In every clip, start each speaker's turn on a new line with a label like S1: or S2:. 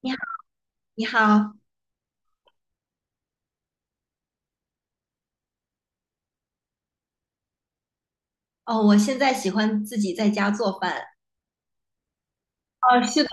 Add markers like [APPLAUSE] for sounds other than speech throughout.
S1: 你好，你好。哦，我现在喜欢自己在家做饭。哦，是的。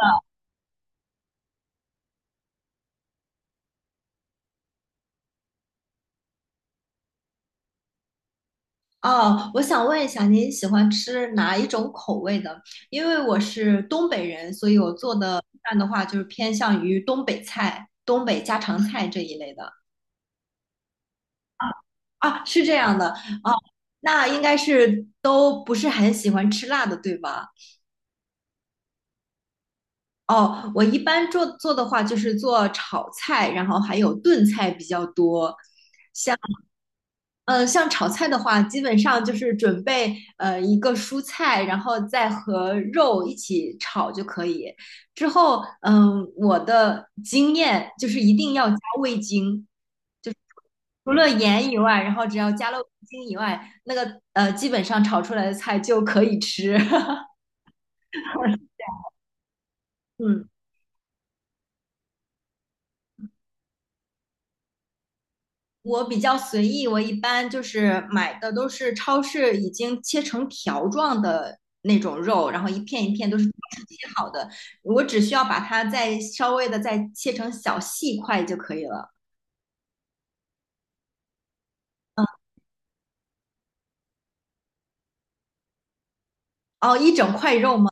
S1: 哦，我想问一下，您喜欢吃哪一种口味的？因为我是东北人，所以我做的饭的话，就是偏向于东北菜、东北家常菜这一类的。啊，是这样的。哦，那应该是都不是很喜欢吃辣的，对吧？哦，我一般做的话，就是做炒菜，然后还有炖菜比较多。嗯，像炒菜的话，基本上就是准备一个蔬菜，然后再和肉一起炒就可以。之后，嗯，我的经验就是一定要加味精，就是除了盐以外，然后只要加了味精以外，那个基本上炒出来的菜就可以吃。[LAUGHS] 嗯。我比较随意，我一般就是买的都是超市已经切成条状的那种肉，然后一片一片都是超市切好的，我只需要把它再稍微的再切成小细块就可以了。哦，一整块肉吗？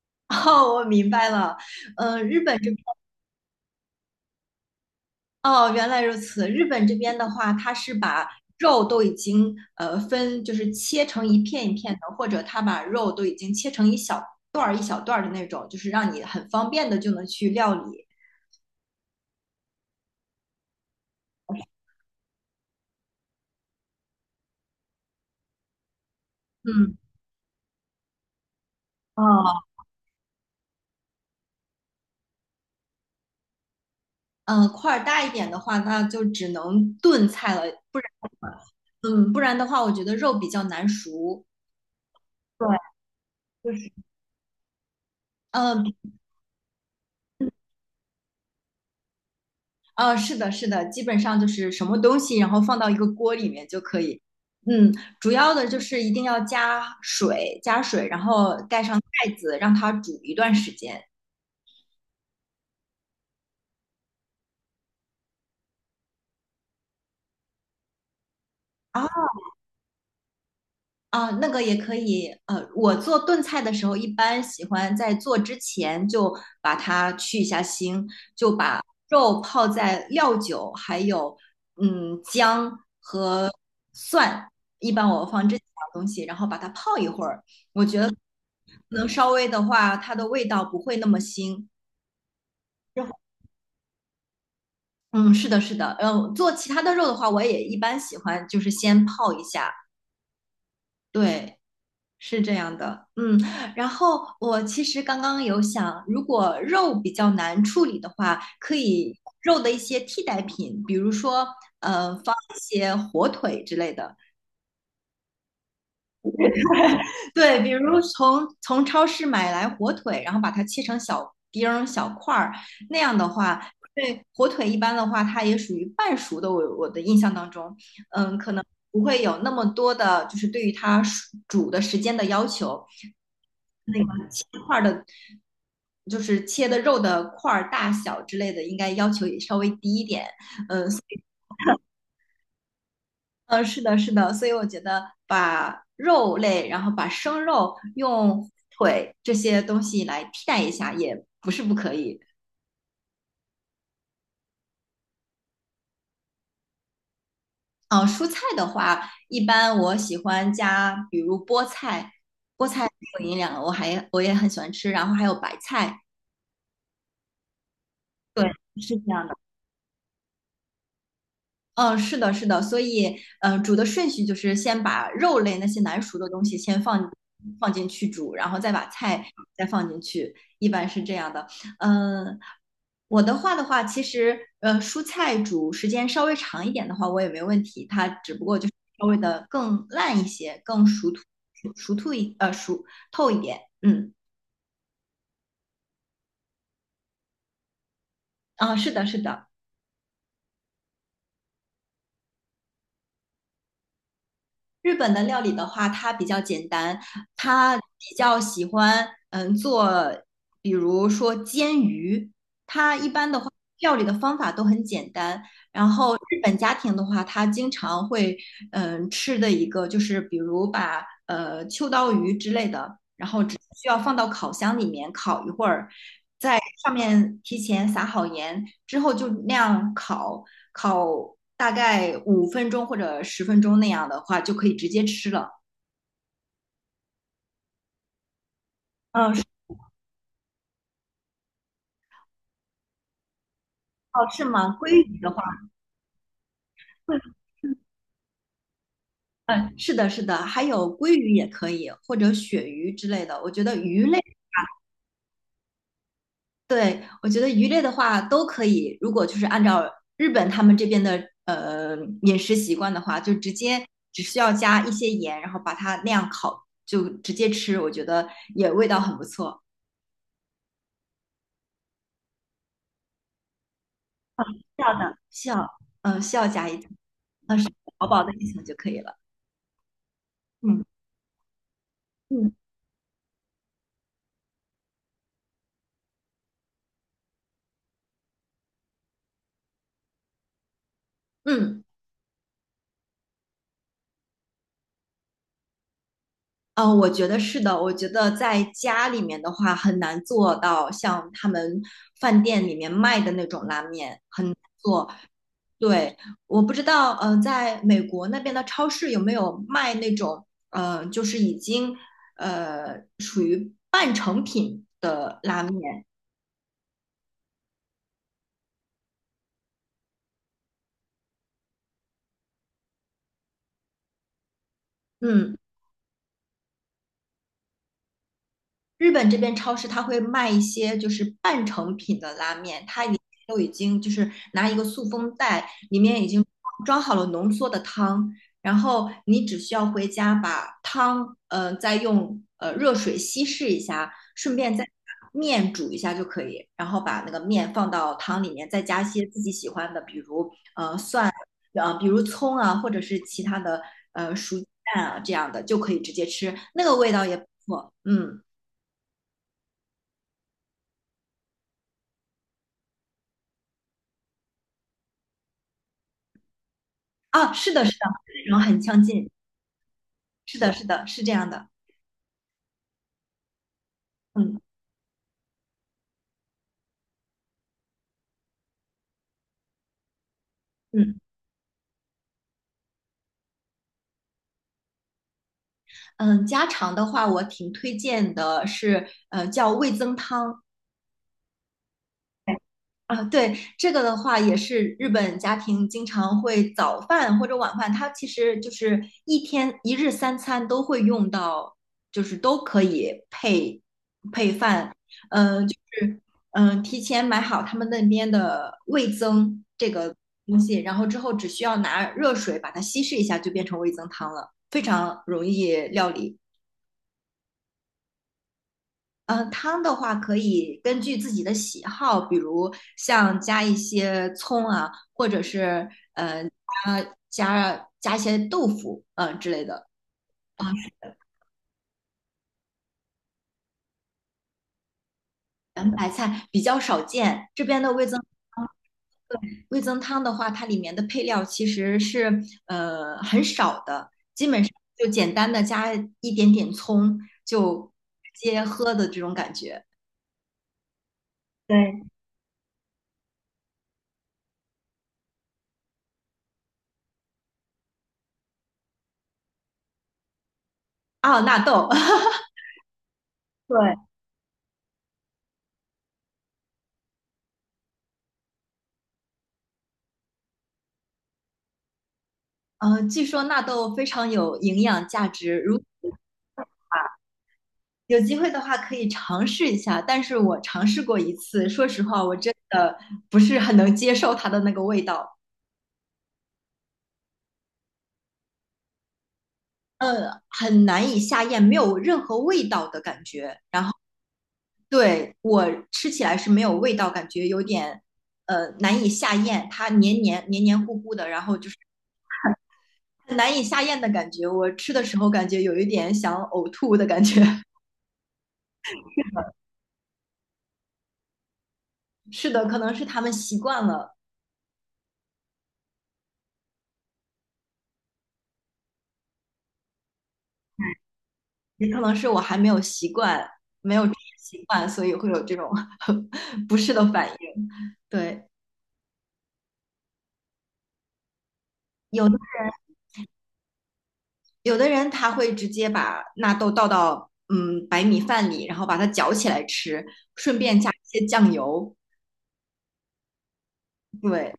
S1: [LAUGHS] 哦，我明白了。嗯、日本这哦，原来如此。日本这边的话，它是把肉都已经分，就是切成一片一片的，或者它把肉都已经切成一小段儿一小段儿的那种，就是让你很方便的就能去料理。嗯，哦，嗯，块儿大一点的话，那就只能炖菜了。不然，嗯，不然的话，我觉得肉比较难熟。对，就是，嗯、啊，是的，是的，基本上就是什么东西，然后放到一个锅里面就可以。嗯，主要的就是一定要加水，加水，然后盖上盖子，让它煮一段时间。啊啊，那个也可以。我做炖菜的时候，一般喜欢在做之前就把它去一下腥，就把肉泡在料酒，还有姜、蒜，一般我放这几样东西，然后把它泡一会儿。能稍微的话，它的味道不会那么腥。嗯，是的，是的。嗯，做其他的肉的话，我也一般喜欢就是先泡一下。对，是这样的。嗯，然后我其实刚刚有想，如果肉比较难处理的话，可以肉的一些替代品，比如说放一些火腿之类的。对，比如从超市买来火腿，然后把它切成小丁儿、小块儿，那样的话，对火腿一般的话，它也属于半熟的。我的印象当中，嗯，可能不会有那么多的，就是对于它熟煮的时间的要求。那个切块儿的，就是切的肉的块儿大小之类的，应该要求也稍微低一点。是的，是的，所以我觉得把肉类，然后把生肉用腿这些东西来替代一下，也不是不可以。嗯、蔬菜的话，一般我喜欢加，比如菠菜。菠菜挺有营养的，我也很喜欢吃，然后还有白菜。对，是这样的。嗯，是的，是的，所以，煮的顺序就是先把肉类那些难熟的东西先放进去煮，然后再把菜再放进去，一般是这样的。嗯，我的话，其实，蔬菜煮时间稍微长一点的话，我也没问题，它只不过就是稍微的更烂一些，更熟透一点。嗯，啊，是的，是的。日本的料理的话，它比较简单，它比较喜欢做，比如说煎鱼，它一般的话料理的方法都很简单。然后日本家庭的话，它经常会吃的一个就是比如把秋刀鱼之类的，然后只需要放到烤箱里面烤一会儿，在上面提前撒好盐，之后就那样烤，烤大概5分钟或者10分钟那样的话，就可以直接吃了。嗯，是哦，是吗？鲑鱼的话，会，嗯，是的，是的，还有鲑鱼也可以，或者鳕鱼之类的。我觉得鱼类，对，我觉得鱼类的话都可以。如果就是按照日本他们这边的饮食习惯的话，就直接只需要加一些盐，然后把它那样烤，就直接吃，我觉得也味道很不错。需要，嗯，需要加一层，是薄薄的一层就可以了。嗯嗯嗯，我觉得是的。我觉得在家里面的话，很难做到像他们饭店里面卖的那种拉面，很难做。对，我不知道，在美国那边的超市有没有卖那种，就是已经属于半成品的拉面。嗯。日本这边超市它会卖一些就是半成品的拉面，它里面都已经就是拿一个塑封袋，里面已经装好了浓缩的汤，然后你只需要回家把汤，再用热水稀释一下，顺便再把面煮一下就可以，然后把那个面放到汤里面，再加一些自己喜欢的，比如蒜，比如葱啊，或者是其他的熟鸡蛋啊，这样的就可以直接吃，那个味道也不错，嗯。啊，是的，是的，内容很相近，是的，是的，是这样的。嗯嗯嗯，家常的话，我挺推荐的是，叫味增汤。啊，对，这个的话也是日本家庭经常会早饭或者晚饭，它其实就是一天一日三餐都会用到，就是都可以配饭。嗯、就是嗯、提前买好他们那边的味增这个东西，然后之后只需要拿热水把它稀释一下，就变成味增汤了，非常容易料理。嗯，汤的话可以根据自己的喜好，比如像加一些葱啊，或者是嗯呃加加一些豆腐，嗯、之类的。圆白菜比较少见，这边的味增汤对味增汤的话，它里面的配料其实是很少的，基本上就简单的加一点点葱，就直接喝的这种感觉。对哦，纳豆，[LAUGHS] 对，据说纳豆非常有营养价值，如有机会的话可以尝试一下。但是我尝试过一次，说实话，我真的不是很能接受它的那个味道。很难以下咽，没有任何味道的感觉。然后对我吃起来是没有味道，感觉有点难以下咽，它黏黏糊糊的，然后就是很难以下咽的感觉。我吃的时候感觉有一点想呕吐的感觉。[LAUGHS] 是的，可能是他们习惯了。也可能是我还没有习惯，没有这个习惯，所以会有这种 [LAUGHS] 不适的反应。对，有的有的人他会直接把纳豆倒到白米饭里，然后把它搅起来吃，顺便加一些酱油。对，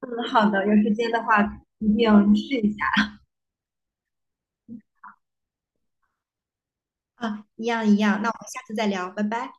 S1: 嗯，好的，有时间的话一定试一下。啊，一样一样。那我们下次再聊，拜拜。